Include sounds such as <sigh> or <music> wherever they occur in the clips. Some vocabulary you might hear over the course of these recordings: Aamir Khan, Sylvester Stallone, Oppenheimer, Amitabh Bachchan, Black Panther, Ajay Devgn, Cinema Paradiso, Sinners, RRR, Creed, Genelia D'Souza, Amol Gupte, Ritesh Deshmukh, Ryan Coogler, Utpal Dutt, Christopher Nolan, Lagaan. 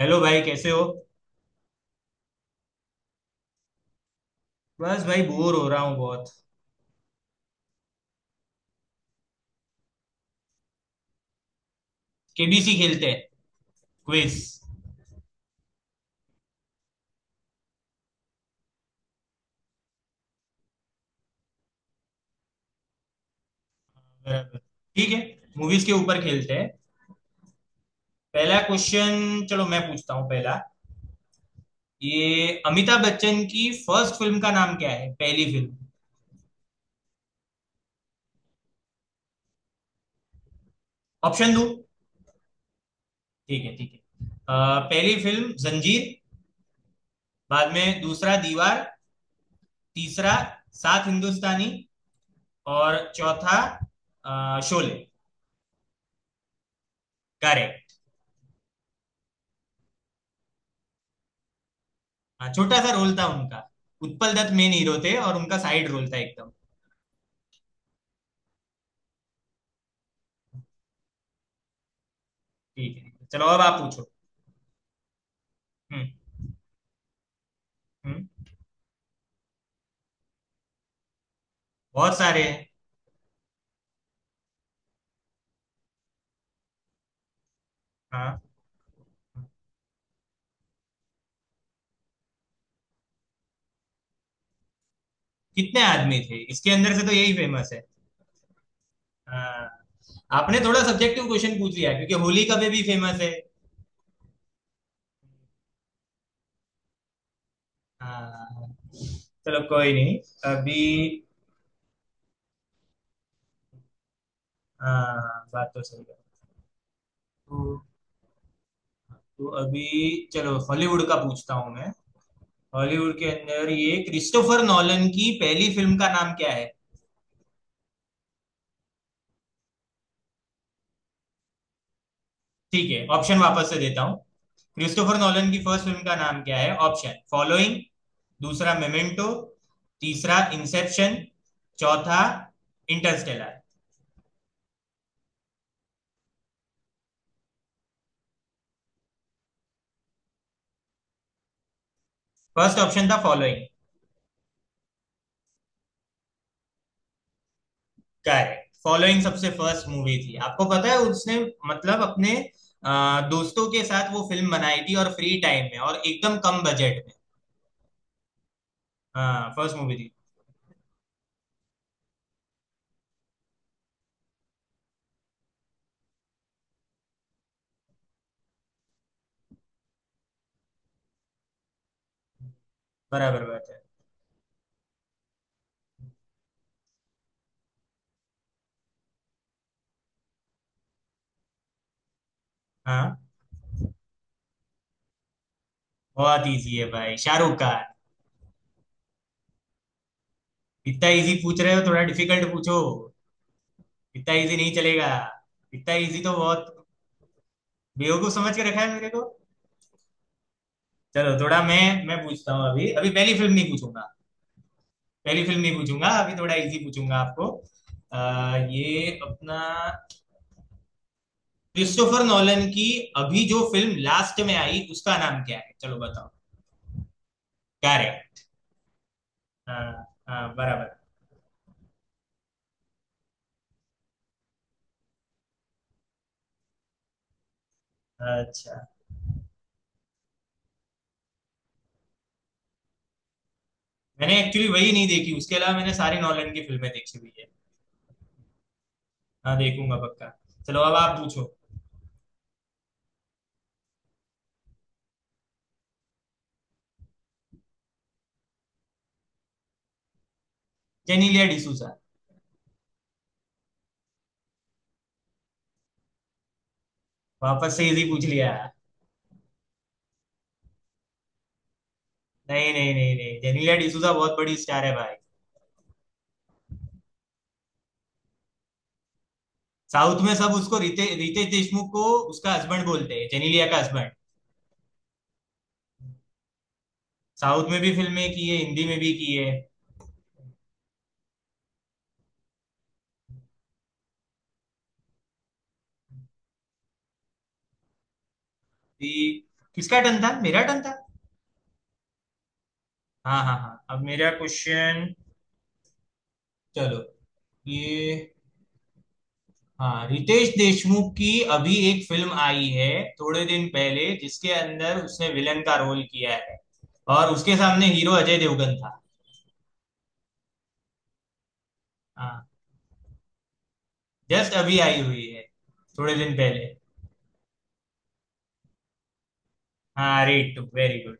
Hello भाई कैसे हो। बस भाई बोर हो रहा हूँ बहुत। केबीसी खेलते हैं। क्विज। बराबर। ठीक है। मूवीज के ऊपर खेलते हैं। पहला क्वेश्चन चलो मैं पूछता हूँ पहला। ये अमिताभ बच्चन की फर्स्ट फिल्म का नाम क्या है, पहली फिल्म? ऑप्शन दो। ठीक है ठीक है। पहली फिल्म जंजीर, बाद में दूसरा दीवार, तीसरा सात हिंदुस्तानी, और चौथा शोले। करेक्ट। हाँ छोटा सा रोल था उनका। उत्पल दत्त मेन हीरो थे और उनका साइड रोल था एकदम। ठीक है चलो अब आप पूछो। हम्म। हम्म। बहुत सारे हैं। हाँ। कितने आदमी थे, इसके अंदर से तो यही फेमस है। हाँ। आपने थोड़ा सब्जेक्टिव क्वेश्चन पूछ लिया क्योंकि होली का भी फेमस है। हाँ, चलो कोई नहीं। अभी। हाँ बात तो सही है। तो, तो अभी चलो हॉलीवुड का पूछता हूँ मैं। हॉलीवुड के अंदर ये क्रिस्टोफर नॉलन की पहली फिल्म का नाम क्या है? ठीक है ऑप्शन वापस से देता हूँ। क्रिस्टोफर नॉलन की फर्स्ट फिल्म का नाम क्या है? ऑप्शन फॉलोइंग, दूसरा मेमेंटो, तीसरा इंसेप्शन, चौथा इंटरस्टेलर। फर्स्ट ऑप्शन था फॉलोइंग। करेक्ट, फॉलोइंग सबसे फर्स्ट मूवी थी, आपको पता है? उसने मतलब अपने दोस्तों के साथ वो फिल्म बनाई थी और फ्री टाइम में और एकदम कम बजट में। हाँ फर्स्ट मूवी थी। बराबर बात है। हाँ। बहुत इजी है भाई, शाहरुख खान। इतना इजी पूछ रहे हो, थोड़ा डिफिकल्ट पूछो। इतना इजी नहीं चलेगा। इतना इजी तो बहुत। बेवकूफ समझ के रखा है मेरे को। चलो थोड़ा मैं पूछता हूँ अभी। अभी पहली फिल्म नहीं पूछूंगा। पहली फिल्म नहीं पूछूंगा, अभी थोड़ा इजी पूछूंगा आपको। ये अपना क्रिस्टोफर नॉलन की अभी जो फिल्म लास्ट में आई उसका नाम क्या है चलो बताओ। क्या है? हाँ। हाँ बराबर। अच्छा। मैंने एक्चुअली वही नहीं देखी, उसके अलावा मैंने सारी नॉलन की फिल्में देखी हुई है। हाँ देखूंगा पक्का। चलो अब आप पूछो। जेनीलिया डिसूजा। वापस से इजी पूछ लिया। नहीं नहीं नहीं नहीं, जेनेलिया डिसूजा बहुत बड़ी स्टार है भाई। साउथ में सब उसको रितेश देशमुख को उसका हस्बैंड बोलते हैं, जेनेलिया का हस्बैंड। साउथ में भी फिल्में की है, हिंदी में भी की है। ये किसका टर्न था? मेरा टर्न था। हाँ हाँ हाँ अब मेरा क्वेश्चन। चलो। ये। हाँ रितेश देशमुख की अभी एक फिल्म आई है थोड़े दिन पहले जिसके अंदर उसने विलन का रोल किया है और उसके सामने हीरो अजय देवगन था। हाँ। जस्ट अभी आई हुई है, थोड़े दिन पहले। हाँ रेट वेरी गुड।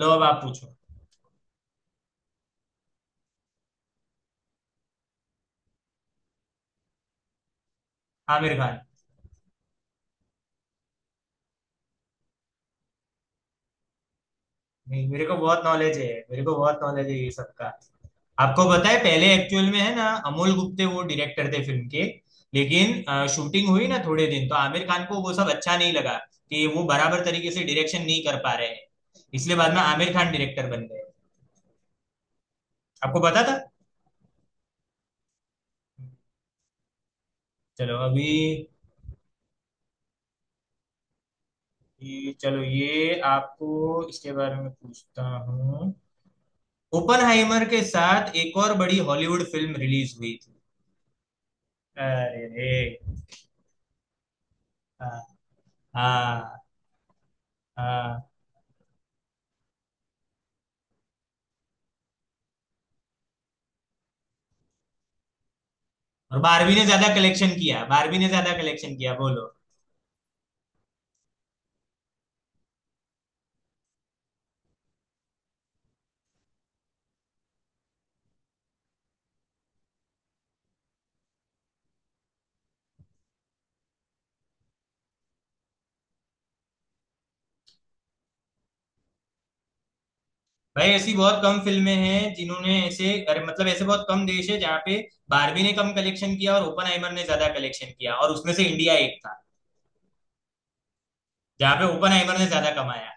लो अब आप पूछो। आमिर खान। नहीं, मेरे को बहुत नॉलेज है। मेरे को बहुत नॉलेज है ये सबका। आपको पता है पहले एक्चुअल में है ना अमोल गुप्ते वो डायरेक्टर थे फिल्म के। लेकिन शूटिंग हुई ना थोड़े दिन तो आमिर खान को वो सब अच्छा नहीं लगा कि वो बराबर तरीके से डायरेक्शन नहीं कर पा रहे हैं। इसलिए बाद में आमिर खान डायरेक्टर बन गए। आपको पता था? चलो अभी। ये चलो ये आपको इसके बारे में पूछता हूँ। ओपनहाइमर के साथ एक और बड़ी हॉलीवुड फिल्म रिलीज हुई। अरे रे। हाँ। हाँ। हाँ। और बारहवीं ने ज्यादा कलेक्शन किया, बारहवीं ने ज्यादा कलेक्शन किया बोलो। भाई ऐसी बहुत कम फिल्में हैं जिन्होंने ऐसे, अरे मतलब ऐसे बहुत कम देश है जहाँ पे बारहवीं ने कम कलेक्शन किया और ओपनहाइमर ने ज्यादा कलेक्शन किया, और उसमें से इंडिया एक था जहाँ पे ओपनहाइमर ने ज्यादा कमाया।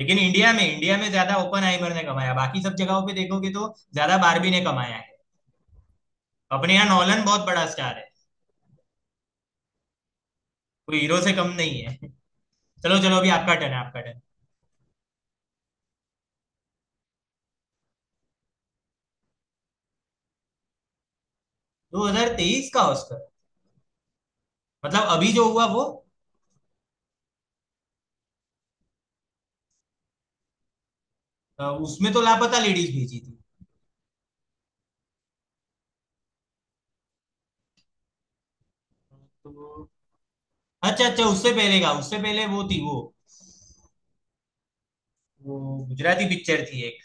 लेकिन इंडिया में, इंडिया में ज्यादा ओपनहाइमर ने कमाया, बाकी सब जगहों पे देखोगे तो ज्यादा बारहवीं ने कमाया है। अपने यहाँ नॉलन बहुत बड़ा स्टार है। कोई हीरो से कम नहीं है <laughs> चलो चलो अभी आपका टर्न है, आपका टर्न। 2023 का ऑस्कर? मतलब अभी जो हुआ वो? उसमें तो लापता लेडीज भेजी थी। तो अच्छा अच्छा, उससे पहले का। उससे पहले वो थी वो गुजराती पिक्चर थी एक,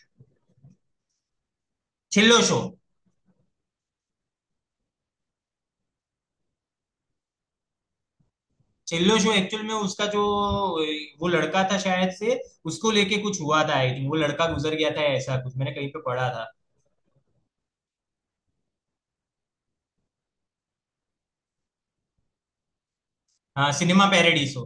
छिल्लो शो। छिल्लो शो एक्चुअल में उसका जो वो लड़का था शायद से, उसको लेके कुछ हुआ था, आई थिंक वो लड़का गुजर गया था, ऐसा कुछ मैंने कहीं पे पढ़ा था। हाँ सिनेमा पैराडीस हो।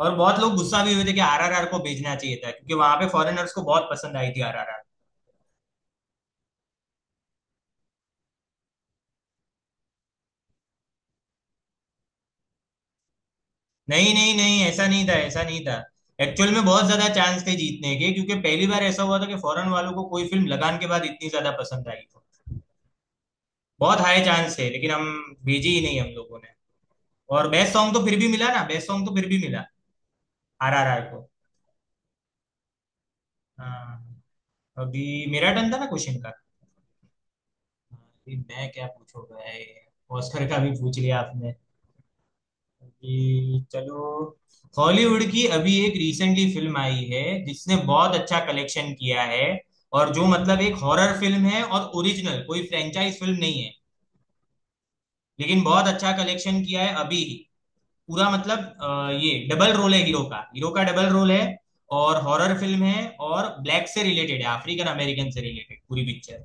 और बहुत लोग गुस्सा भी हुए थे कि आरआरआर को भेजना चाहिए था क्योंकि वहां पे फॉरेनर्स को बहुत पसंद आई थी आरआरआर। नहीं नहीं नहीं, ऐसा नहीं था, ऐसा नहीं था। एक्चुअल में बहुत ज्यादा चांस थे जीतने के क्योंकि पहली बार ऐसा हुआ था कि फॉरेन वालों को कोई फिल्म लगान के बाद इतनी ज्यादा पसंद आई हो। बहुत हाई चांस थे, लेकिन हम भेजी ही नहीं हम लोगों ने। और बेस्ट सॉन्ग तो फिर भी मिला ना, बेस्ट सॉन्ग तो फिर भी मिला आरआरआर को। हाँ। अभी मेरा टर्न था ना क्वेश्चन का। अभी मैं क्या पूछूंगा, ऑस्कर का भी पूछ लिया आपने। अभी चलो, हॉलीवुड की अभी एक रिसेंटली फिल्म आई है जिसने बहुत अच्छा कलेक्शन किया है और जो मतलब एक हॉरर फिल्म है और ओरिजिनल, कोई फ्रेंचाइज फिल्म नहीं है लेकिन बहुत अच्छा कलेक्शन किया है अभी ही। पूरा मतलब ये डबल रोल है हीरो का, हीरो का डबल रोल है। और हॉरर फिल्म है और ब्लैक से रिलेटेड है, अफ्रीकन अमेरिकन से रिलेटेड पूरी पिक्चर।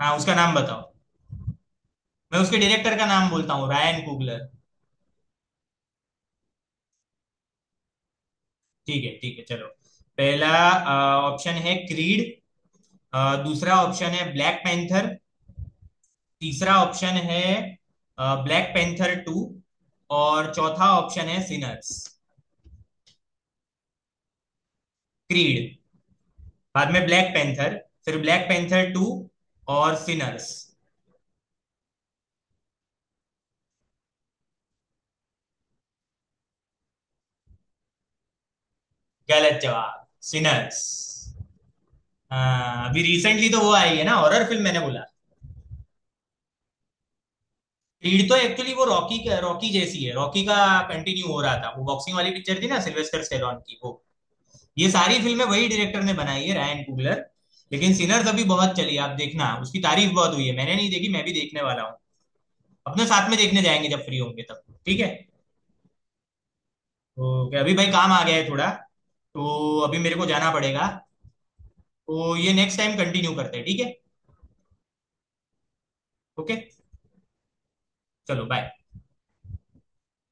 हाँ उसका नाम बताओ। मैं उसके डायरेक्टर का नाम बोलता हूँ, रायन कुगलर। ठीक है चलो। पहला ऑप्शन है क्रीड, दूसरा ऑप्शन है ब्लैक पैंथर, तीसरा ऑप्शन है ब्लैक पैंथर टू, और चौथा ऑप्शन है सिनर्स। क्रीड, बाद में ब्लैक पैंथर, फिर ब्लैक पैंथर टू, और सिनर्स। गलत जवाब, सिनर्स। हाँ अभी रिसेंटली तो वो आई है ना, हॉरर फिल्म मैंने बोला। क्रीड तो एक्चुअली वो रॉकी, रॉकी जैसी है, रॉकी का कंटिन्यू हो रहा था, वो बॉक्सिंग वाली पिक्चर थी ना सिल्वेस्टर स्टेलोन की वो। ये सारी फिल्में वही डायरेक्टर ने बनाई है, रायन कुगलर। लेकिन सिनर्स अभी बहुत चली, आप देखना उसकी तारीफ बहुत हुई है, मैंने नहीं देखी, मैं भी देखने वाला हूँ। अपने साथ में देखने जाएंगे जब फ्री होंगे तब, ठीक है। तो क्या अभी भाई काम आ गया है थोड़ा, तो अभी मेरे को जाना पड़ेगा। तो ये नेक्स्ट टाइम कंटिन्यू करते हैं, ठीक है। ओके। चलो बाय।